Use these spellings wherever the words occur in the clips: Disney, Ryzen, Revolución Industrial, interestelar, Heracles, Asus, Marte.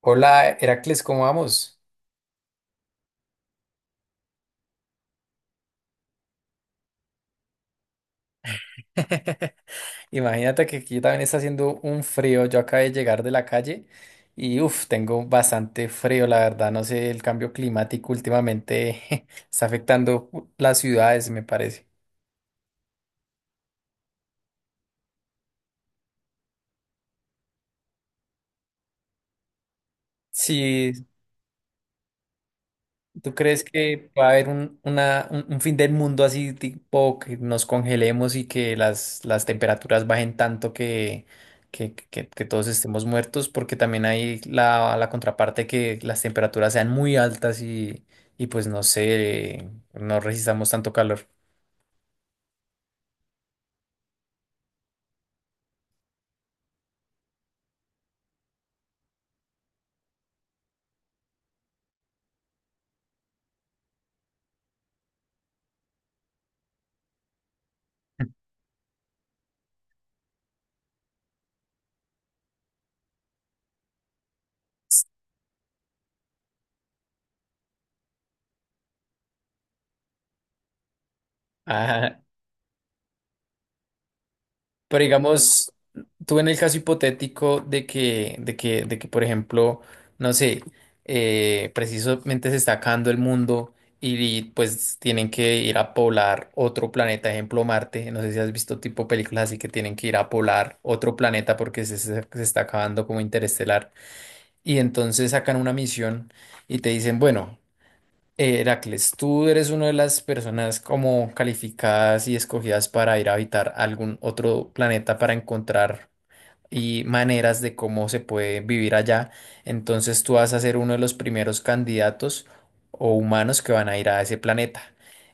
Hola, Heracles, ¿cómo vamos? Imagínate que aquí también está haciendo un frío. Yo acabé de llegar de la calle y uff, tengo bastante frío, la verdad. No sé, el cambio climático últimamente está afectando las ciudades, me parece. Sí. ¿Tú crees que va a haber un fin del mundo así, tipo que nos congelemos y que las temperaturas bajen tanto que, que todos estemos muertos? Porque también hay la contraparte que las temperaturas sean muy altas y pues no sé, no resistamos tanto calor. Pero digamos, tú en el caso hipotético de que, por ejemplo, no sé, precisamente se está acabando el mundo y, pues tienen que ir a poblar otro planeta, ejemplo Marte. No sé si has visto tipo películas así que tienen que ir a poblar otro planeta porque se está acabando como interestelar. Y entonces sacan una misión y te dicen, bueno. Heracles, tú eres una de las personas como calificadas y escogidas para ir a habitar algún otro planeta para encontrar y maneras de cómo se puede vivir allá. Entonces tú vas a ser uno de los primeros candidatos o humanos que van a ir a ese planeta.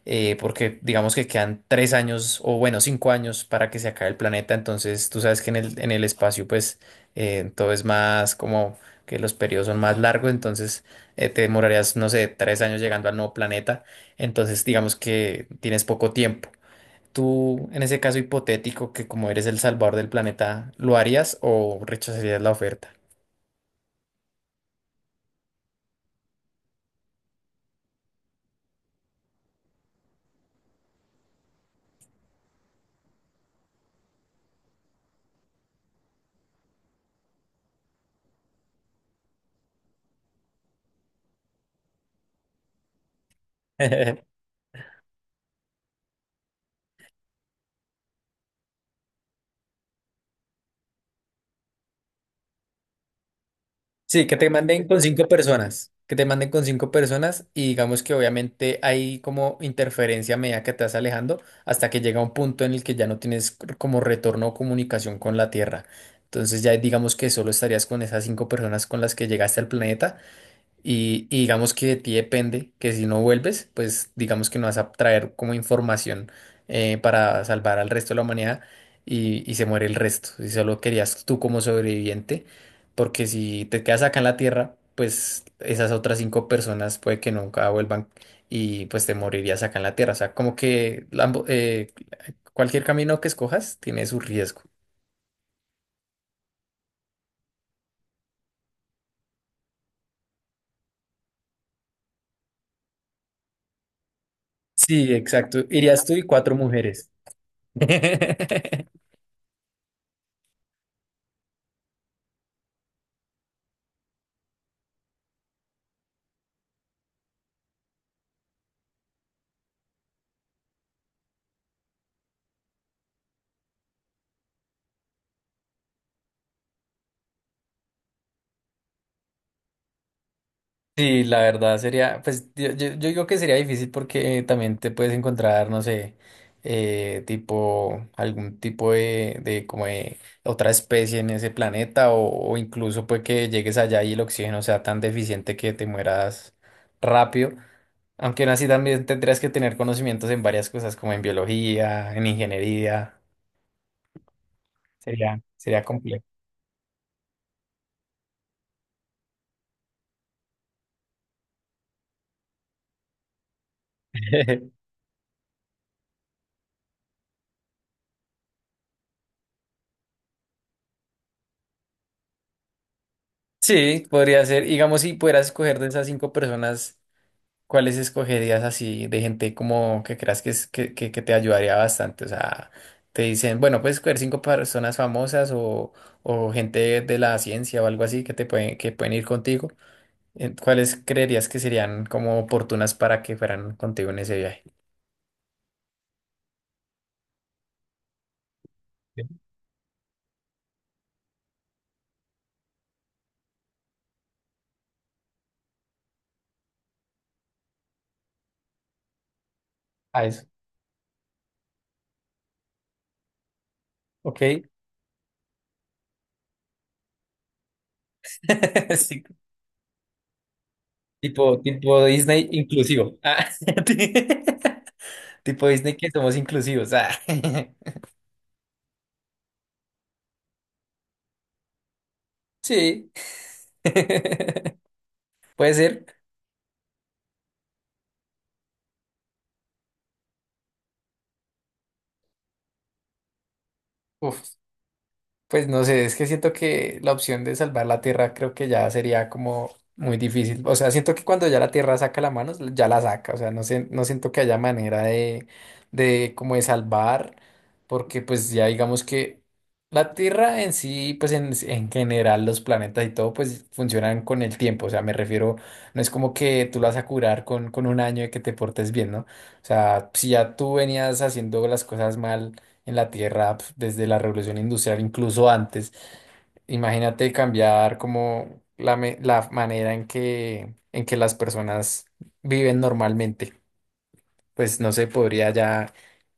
Porque digamos que quedan tres años o bueno, cinco años para que se acabe el planeta. Entonces tú sabes que en el espacio pues todo es más como que los periodos son más largos. Entonces te demorarías, no sé, tres años llegando al nuevo planeta. Entonces digamos que tienes poco tiempo. Tú, en ese caso hipotético, que como eres el salvador del planeta, ¿lo harías o rechazarías la oferta? Sí, que te manden con cinco personas, que te manden con cinco personas y digamos que obviamente hay como interferencia a medida que te vas alejando hasta que llega un punto en el que ya no tienes c- como retorno o comunicación con la Tierra. Entonces ya digamos que solo estarías con esas cinco personas con las que llegaste al planeta. Y digamos que de ti depende que si no vuelves, pues digamos que no vas a traer como información para salvar al resto de la humanidad y se muere el resto. Si solo querías tú como sobreviviente, porque si te quedas acá en la Tierra, pues esas otras cinco personas puede que nunca vuelvan y pues te morirías acá en la Tierra. O sea, como que cualquier camino que escojas tiene su riesgo. Sí, exacto. Irías tú y cuatro mujeres. Sí, la verdad sería, pues yo digo que sería difícil porque también te puedes encontrar, no sé, tipo, algún tipo de como de otra especie en ese planeta o incluso pues que llegues allá y el oxígeno sea tan deficiente que te mueras rápido. Aunque aún así también tendrías que tener conocimientos en varias cosas como en biología, en ingeniería. Sería, sería complejo. Sí, podría ser, digamos, si pudieras escoger de esas cinco personas. ¿Cuáles escogerías así de gente como que creas que, es- que, que te ayudaría bastante? O sea, te dicen, bueno, puedes escoger cinco personas famosas o gente de la ciencia o algo así que te pueden, que pueden ir contigo. ¿Cuáles creerías que serían como oportunas para que fueran contigo en ese viaje? A eso. Ok. Sí. Tipo, tipo Disney inclusivo. Ah. Ti- Tipo Disney que somos inclusivos. Ah. Sí. Puede ser. Uf. Pues no sé, es que siento que la opción de salvar la Tierra creo que ya sería como muy difícil. O sea, siento que cuando ya la Tierra saca la mano, ya la saca. O sea, no sé, no siento que haya manera de como de salvar, porque pues ya digamos que la Tierra en sí, pues en general los planetas y todo, pues funcionan con el tiempo. O sea, me refiero, no es como que tú la vas a curar con un año de que te portes bien, ¿no? O sea, si ya tú venías haciendo las cosas mal en la Tierra pf, desde la Revolución Industrial, incluso antes. Imagínate cambiar como la manera en que las personas viven normalmente. Pues no se podría ya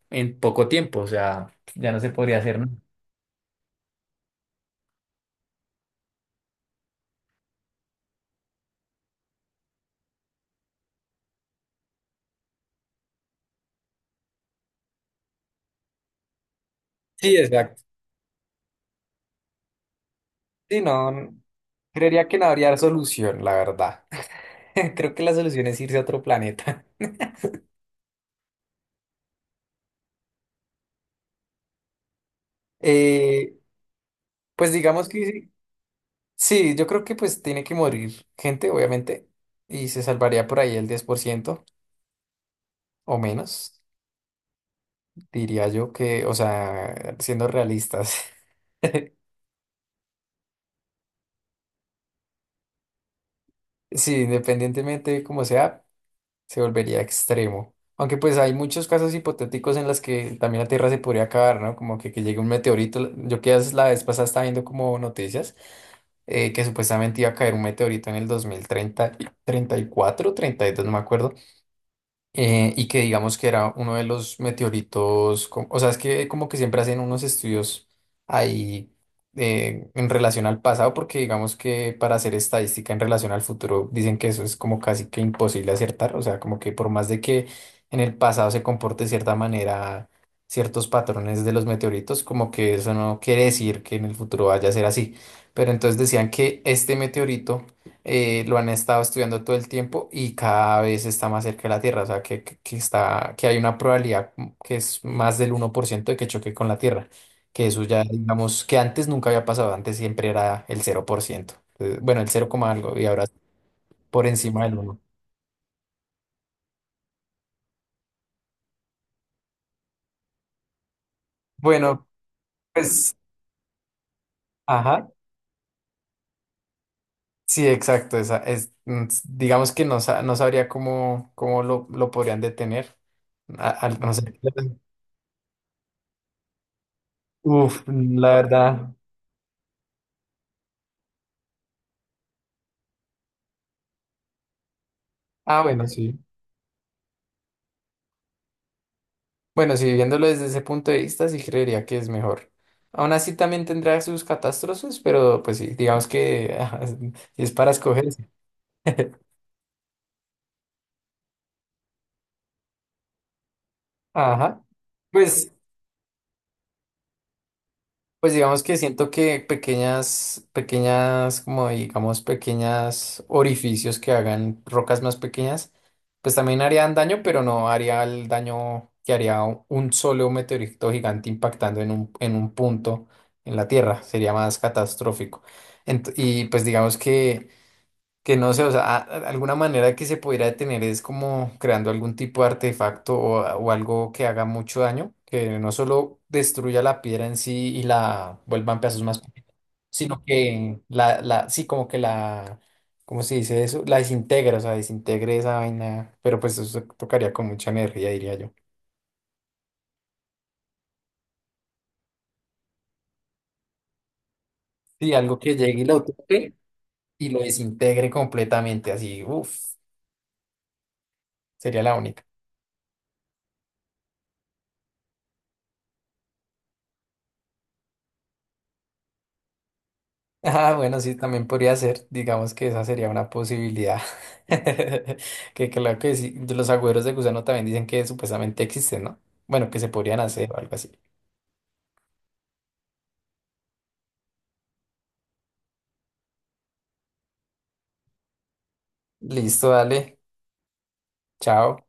en poco tiempo, o sea, ya no se podría hacer nada. Sí, exacto. Sí, no, creería que no habría solución, la verdad. Creo que la solución es irse a otro planeta. Eh, pues digamos que sí, sí, yo creo que pues tiene que morir gente, obviamente, y se salvaría por ahí el 10% o menos, diría yo que, o sea, siendo realistas, sí, independientemente de cómo sea, se volvería extremo. Aunque pues hay muchos casos hipotéticos en las que también la Tierra se podría acabar, ¿no? Como que llegue un meteorito. Yo que la vez pasada estaba viendo como noticias que supuestamente iba a caer un meteorito en el dos mil treinta treinta y cuatro treinta y dos, no me acuerdo. Y que digamos que era uno de los meteoritos, co- o sea, es que como que siempre hacen unos estudios ahí en relación al pasado, porque digamos que para hacer estadística en relación al futuro dicen que eso es como casi que imposible acertar, o sea, como que por más de que en el pasado se comporte de cierta manera, ciertos patrones de los meteoritos, como que eso no quiere decir que en el futuro vaya a ser así. Pero entonces decían que este meteorito lo han estado estudiando todo el tiempo y cada vez está más cerca de la Tierra, o sea, que, que está, que hay una probabilidad m- que es más del uno por ciento de que choque con la Tierra, que eso ya, digamos, que antes nunca había pasado, antes siempre era el 0%. Entonces, bueno, el cero coma algo y ahora por encima del 1. Bueno, pues, ajá, sí, exacto, esa es, mm, s- digamos que no, sa- no sabría cómo, cómo lo podrían detener, a- al- no sé. Uf, la verdad. Ah, bueno, sí. Bueno, si viéndolo desde ese punto de vista, sí creería que es mejor. Aún así también tendrá sus catástrofes, pero pues sí, digamos que ajá, si es para escogerse. Ajá. Pues pues digamos que siento que pequeñas, pequeñas, como digamos, pequeñas orificios que hagan rocas más pequeñas, pues también harían daño, pero no haría el daño que haría u- un solo meteorito gigante impactando en un punto en la Tierra. Sería más catastrófico. Ent- y pues digamos que no sé, o sea, a- alguna manera que se pudiera detener es como creando algún tipo de artefacto o, a- o algo que haga mucho daño, que no solo destruya la piedra en sí y la vuelva en pedazos más pequeños, sino que la, sí, como que la, ¿cómo se dice eso? La desintegra, o sea, desintegre esa vaina, pero pues eso tocaría con mucha energía, diría yo. Sí, algo que llegue y lo toque y lo desintegre completamente, así, uff, sería la única. Ah, bueno, sí, también podría ser. Digamos que esa sería una posibilidad. Que claro que sí, de los agüeros de gusano también dicen que supuestamente existen, ¿no? Bueno, que se podrían hacer o algo así. Listo, dale. Chao.